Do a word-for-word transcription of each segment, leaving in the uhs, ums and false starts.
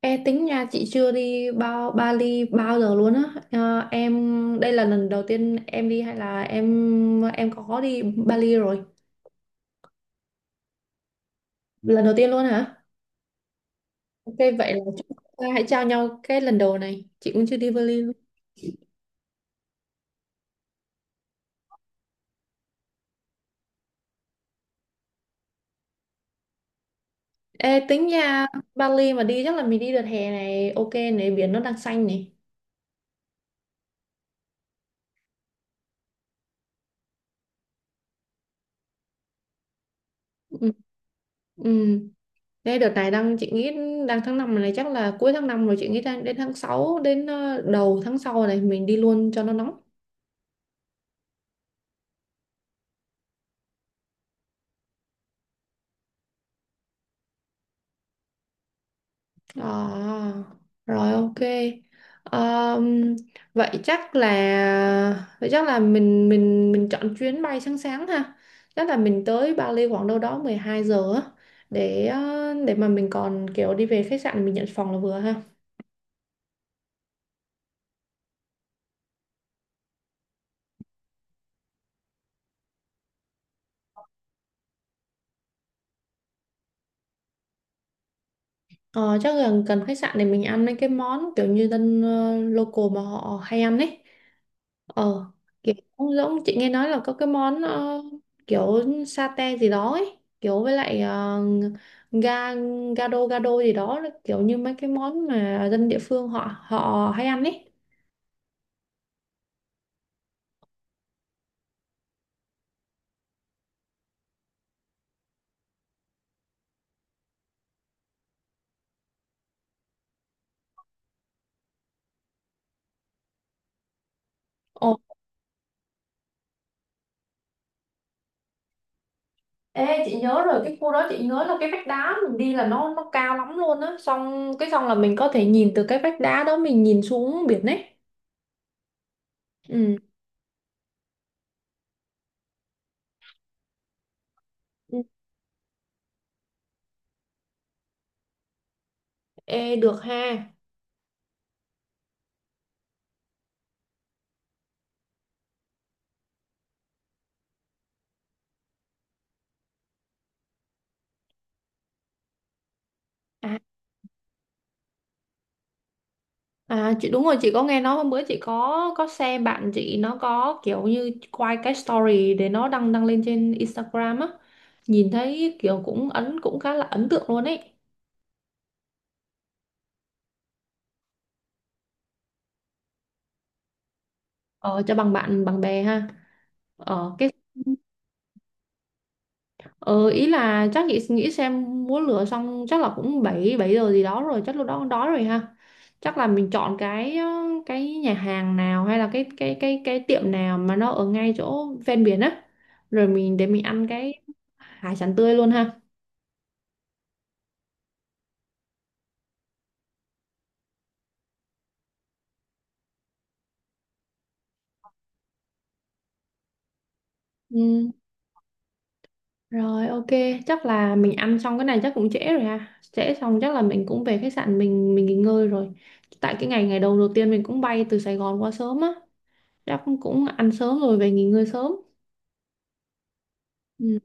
E tính nha, chị chưa đi bao Bali bao giờ luôn á. Ờ, em đây là lần đầu tiên em đi hay là em em có đi Bali rồi lần đầu tiên luôn hả? Ok, vậy là chúng ta hãy trao nhau cái lần đầu này, chị cũng chưa đi Bali luôn. Ê, tính nha. Bali mà đi chắc là mình đi đợt hè này, ok này, biển nó đang xanh này. Ừ. Ừ. Đây đợt này đang chị nghĩ đang tháng năm này, chắc là cuối tháng năm rồi, chị nghĩ đang đến tháng sáu đến ờ, đầu tháng sau này mình đi luôn cho nó nóng. À, rồi ok. Ờm, vậy chắc là vậy chắc là mình mình mình chọn chuyến bay sáng sáng ha. Chắc là mình tới Bali khoảng đâu đó mười hai giờ á để ờ, để mà mình còn kiểu đi về khách sạn mình nhận phòng là vừa ha. Ờ, chắc là cần khách sạn để mình ăn mấy cái món kiểu như dân ờ, local mà họ hay ăn ấy. ờ Kiểu cũng giống chị nghe nói là có cái món ờ, kiểu satay gì đó ấy, kiểu với lại ờ, ga gado gado gì đó, kiểu như mấy cái món mà dân địa phương họ họ hay ăn ấy. Ồ. Ê, chị nhớ rồi, cái khu đó chị nhớ là cái vách đá mình đi là nó nó cao lắm luôn á, xong cái xong là mình có thể nhìn từ cái vách đá đó mình nhìn xuống biển ấy. Ừ. Ừ. Ê, được ha. À. À, chị đúng rồi, chị có nghe nói hôm bữa chị có có xem bạn chị nó có kiểu như quay cái story để nó đăng đăng lên trên Instagram á, nhìn thấy kiểu cũng ấn cũng khá là ấn tượng luôn ấy. Ờ, cho bằng bạn bằng bè ha. Ờ, cái Ừ, ý là chắc chị nghĩ xem múa lửa xong chắc là cũng bảy bảy giờ gì đó rồi, chắc lúc đó cũng đói rồi ha. Chắc là mình chọn cái ờ, cái nhà hàng nào hay là cái cái cái cái tiệm nào mà nó ở ngay chỗ ven biển á, rồi mình để mình ăn cái hải sản tươi luôn ha. Ừ. Rồi ok. Chắc là mình ăn xong cái này chắc cũng trễ rồi ha, trễ xong chắc là mình cũng về khách sạn mình mình nghỉ ngơi rồi, tại cái ngày ngày đầu đầu tiên mình cũng bay từ Sài Gòn qua sớm á, chắc cũng ăn sớm rồi về nghỉ ngơi sớm. Ừ.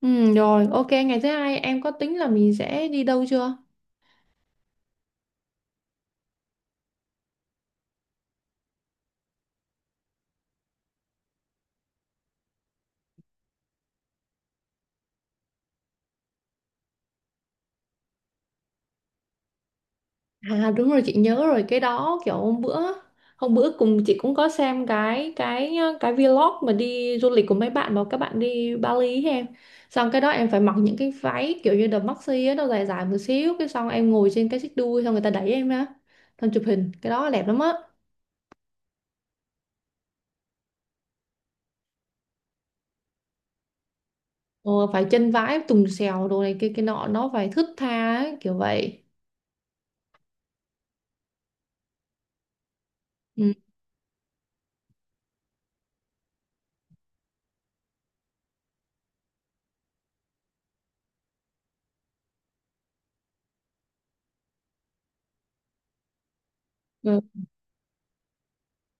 Ừ, rồi, ok, ngày thứ hai em có tính là mình sẽ đi đâu chưa? À đúng rồi, chị nhớ rồi, cái đó kiểu hôm bữa, hôm bữa cùng chị cũng có xem cái cái cái vlog mà đi du lịch của mấy bạn mà các bạn đi Bali ấy em. Xong cái đó em phải mặc những cái váy kiểu như đầm maxi á, nó dài dài một xíu, cái xong em ngồi trên cái xích đu xong người ta đẩy em á. Xong chụp hình, cái đó đẹp lắm á. Ờ, phải chân vái tùng xèo đồ này kia kia nọ nó phải thướt tha ấy, kiểu vậy. Ừ.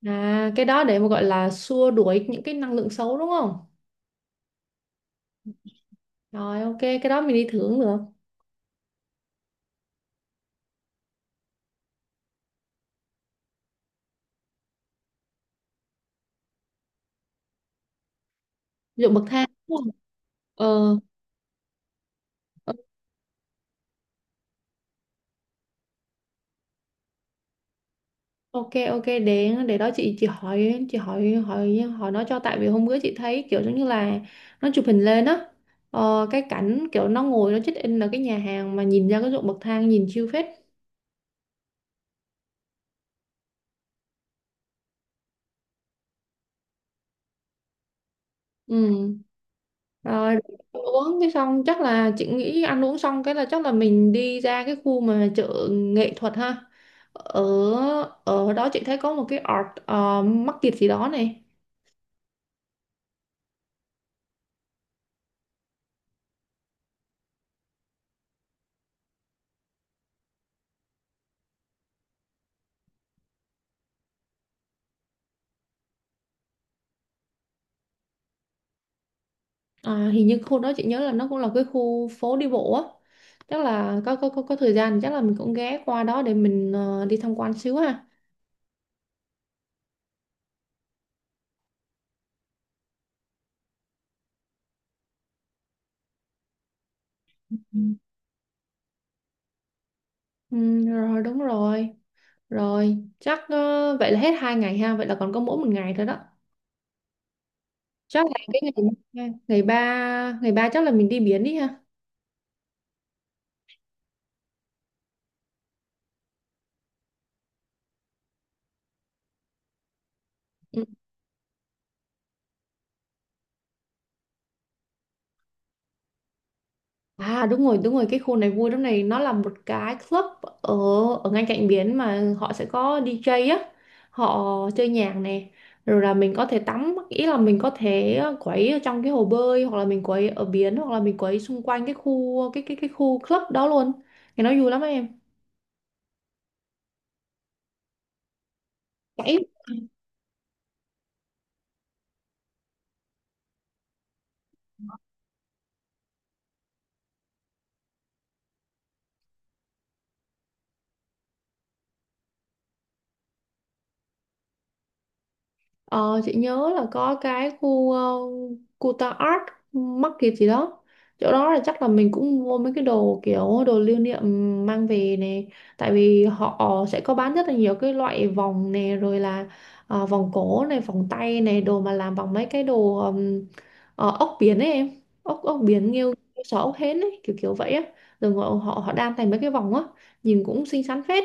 À, cái đó để mà gọi là xua đuổi những cái năng lượng xấu đúng không? Rồi ok, cái đó mình đi thử cũng được. Ví dụ bậc thang đúng không? Ờ. ờ, ok ok, để để đó, chị chị hỏi chị hỏi hỏi hỏi nó cho, tại vì hôm bữa chị thấy kiểu giống như là nó chụp hình lên á. Ờ, cái cảnh kiểu nó ngồi nó check in ở cái nhà hàng mà nhìn ra cái ruộng bậc thang nhìn chill phết. Ừ. Rồi ăn uống cái xong chắc là chị nghĩ ăn uống xong cái là chắc là mình đi ra cái khu mà chợ nghệ thuật ha, ở ở đó chị thấy có một cái art uh, market gì đó này. À, hình như khu đó chị nhớ là nó cũng là cái khu phố đi bộ á, chắc là có có có, có thời gian thì chắc là mình cũng ghé qua đó để mình ờ, đi tham quan xíu ha. ừ, Ừ, rồi đúng rồi, rồi chắc ờ, vậy là hết hai ngày ha, vậy là còn có mỗi một ngày thôi đó. Chắc là cái ngày ngày ngày ba ngày ba chắc là mình đi biển đi ha. Ừ. À đúng rồi đúng rồi, cái khu này vui lắm này, nó là một cái club ở ở ngay cạnh biển mà họ sẽ có đi dê á, họ chơi nhạc này, rồi là mình có thể tắm, ý là mình có thể quấy ở trong cái hồ bơi hoặc là mình quấy ở biển hoặc là mình quấy xung quanh cái khu cái cái cái khu club đó luôn, cái nó vui lắm em. Ờ, chị nhớ là có cái khu ờ, khu ta Art Market gì đó, chỗ đó là chắc là mình cũng mua mấy cái đồ kiểu đồ lưu niệm mang về này, tại vì họ sẽ có bán rất là nhiều cái loại vòng này, rồi là ờ, vòng cổ này vòng tay này, đồ mà làm bằng mấy cái đồ ừm, ờ, ốc biển ấy em, ốc ốc biển nghêu nghêu sò ốc hến ấy, kiểu kiểu vậy á, rồi họ họ họ đan thành mấy cái vòng á, nhìn cũng xinh xắn phết.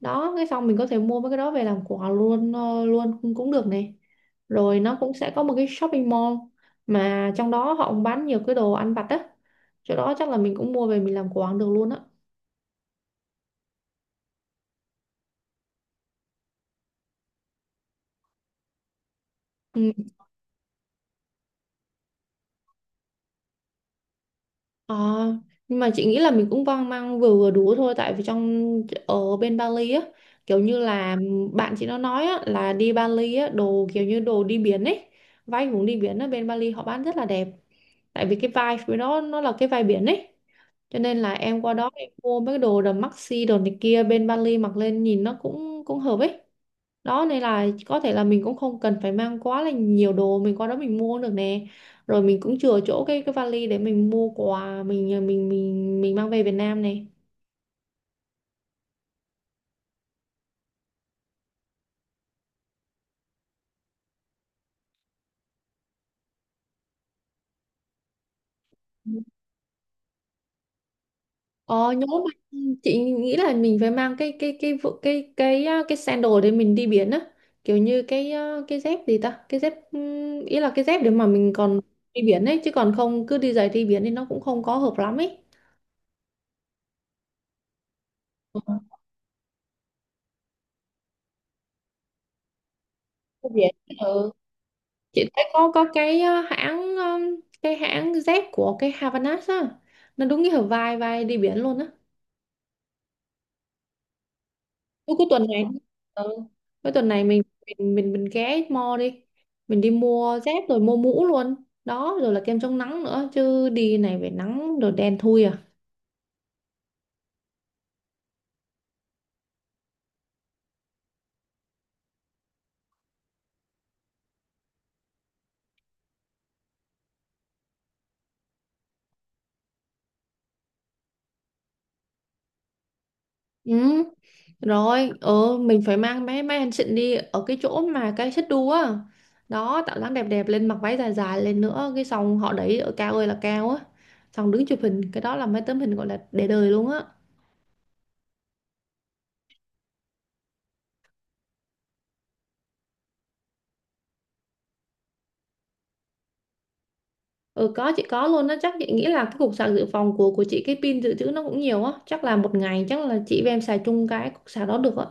Đó, cái xong mình có thể mua mấy cái đó về làm quà luôn, ờ, luôn cũng cũng được này. Rồi nó cũng sẽ có một cái shopping mall mà trong đó họ cũng bán nhiều cái đồ ăn vặt á, chỗ đó chắc là mình cũng mua về mình làm quà cũng được luôn á. Ừ. Ờ, nhưng mà chị nghĩ là mình cũng vang mang vừa vừa đủ thôi, tại vì trong ở bên Bali á, kiểu như là bạn chị nó nói á là đi Bali á đồ kiểu như đồ đi biển ấy, vai cũng đi biển ở bên Bali họ bán rất là đẹp, tại vì cái vai với nó nó là cái vai biển ấy, cho nên là em qua đó em mua mấy cái đồ đầm maxi đồ này kia bên Bali mặc lên nhìn nó cũng cũng hợp ấy. Đó nên là có thể là mình cũng không cần phải mang quá là nhiều đồ, mình qua đó mình mua cũng được nè, rồi mình cũng chừa chỗ cái cái vali để mình mua quà mình mình mình mình mang về Việt Nam này. Ờ nhớ mà, chị nghĩ là mình phải mang cái cái cái vụ- cái cái cái, cái sandal để mình đi biển á, kiểu như cái ờ, cái dép gì ta, cái dép ừm, ý là cái dép để mà mình còn đi biển ấy, chứ còn không cứ đi giày đi biển thì nó cũng không có hợp lắm ấy. Ừ. Đi biển. Ừ. Chị thấy có có cái ờ, hãng ờ, cái hãng Z của cái Havanas á, nó đúng nghĩa là vai vai đi biển luôn á. Cuối Cuối tuần này. Ừ. Cuối tuần này mình mình mình mình ghé mall đi, mình đi mua dép rồi mua mũ luôn. Đó, rồi là kem chống nắng nữa chứ đi này về nắng rồi đen thui à. Ừ. Rồi, ờ mình phải mang mấy mấy anh xịn đi ở cái chỗ mà cái xích đu á. Đó, tạo dáng đẹp đẹp lên, mặc váy dài dài lên nữa, cái xong họ đẩy ở cao ơi là cao á. Xong đứng chụp hình, cái đó là mấy tấm hình gọi là để đời luôn á. Ừ có chị có luôn á, chắc chị nghĩ là cái cục sạc dự phòng của của chị cái pin dự trữ nó cũng nhiều á, chắc là một ngày chắc là chị và em xài chung cái cục sạc đó được á.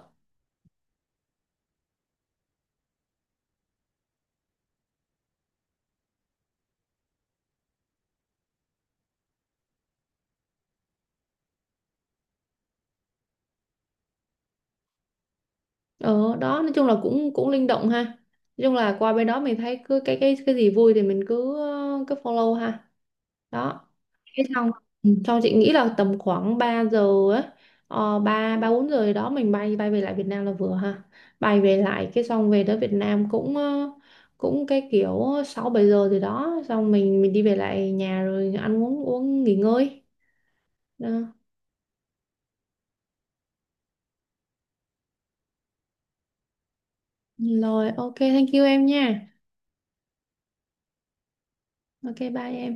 Ờ đó, nói chung là cũng cũng linh động ha. Nói chung là qua bên đó mình thấy cứ cái cái cái gì vui thì mình cứ ờ, cứ follow ha. Đó. Thế xong, ừ, xong chị nghĩ là tầm khoảng ba giờ ấy, ờ, ba 3 bốn giờ gì đó mình bay bay về lại Việt Nam là vừa ha. Bay về lại cái xong về tới Việt Nam cũng ờ, cũng cái kiểu sáu bảy giờ gì đó xong mình mình đi về lại nhà rồi ăn uống uống nghỉ ngơi. Đó. Rồi ok thank you em nha. Ok bye em.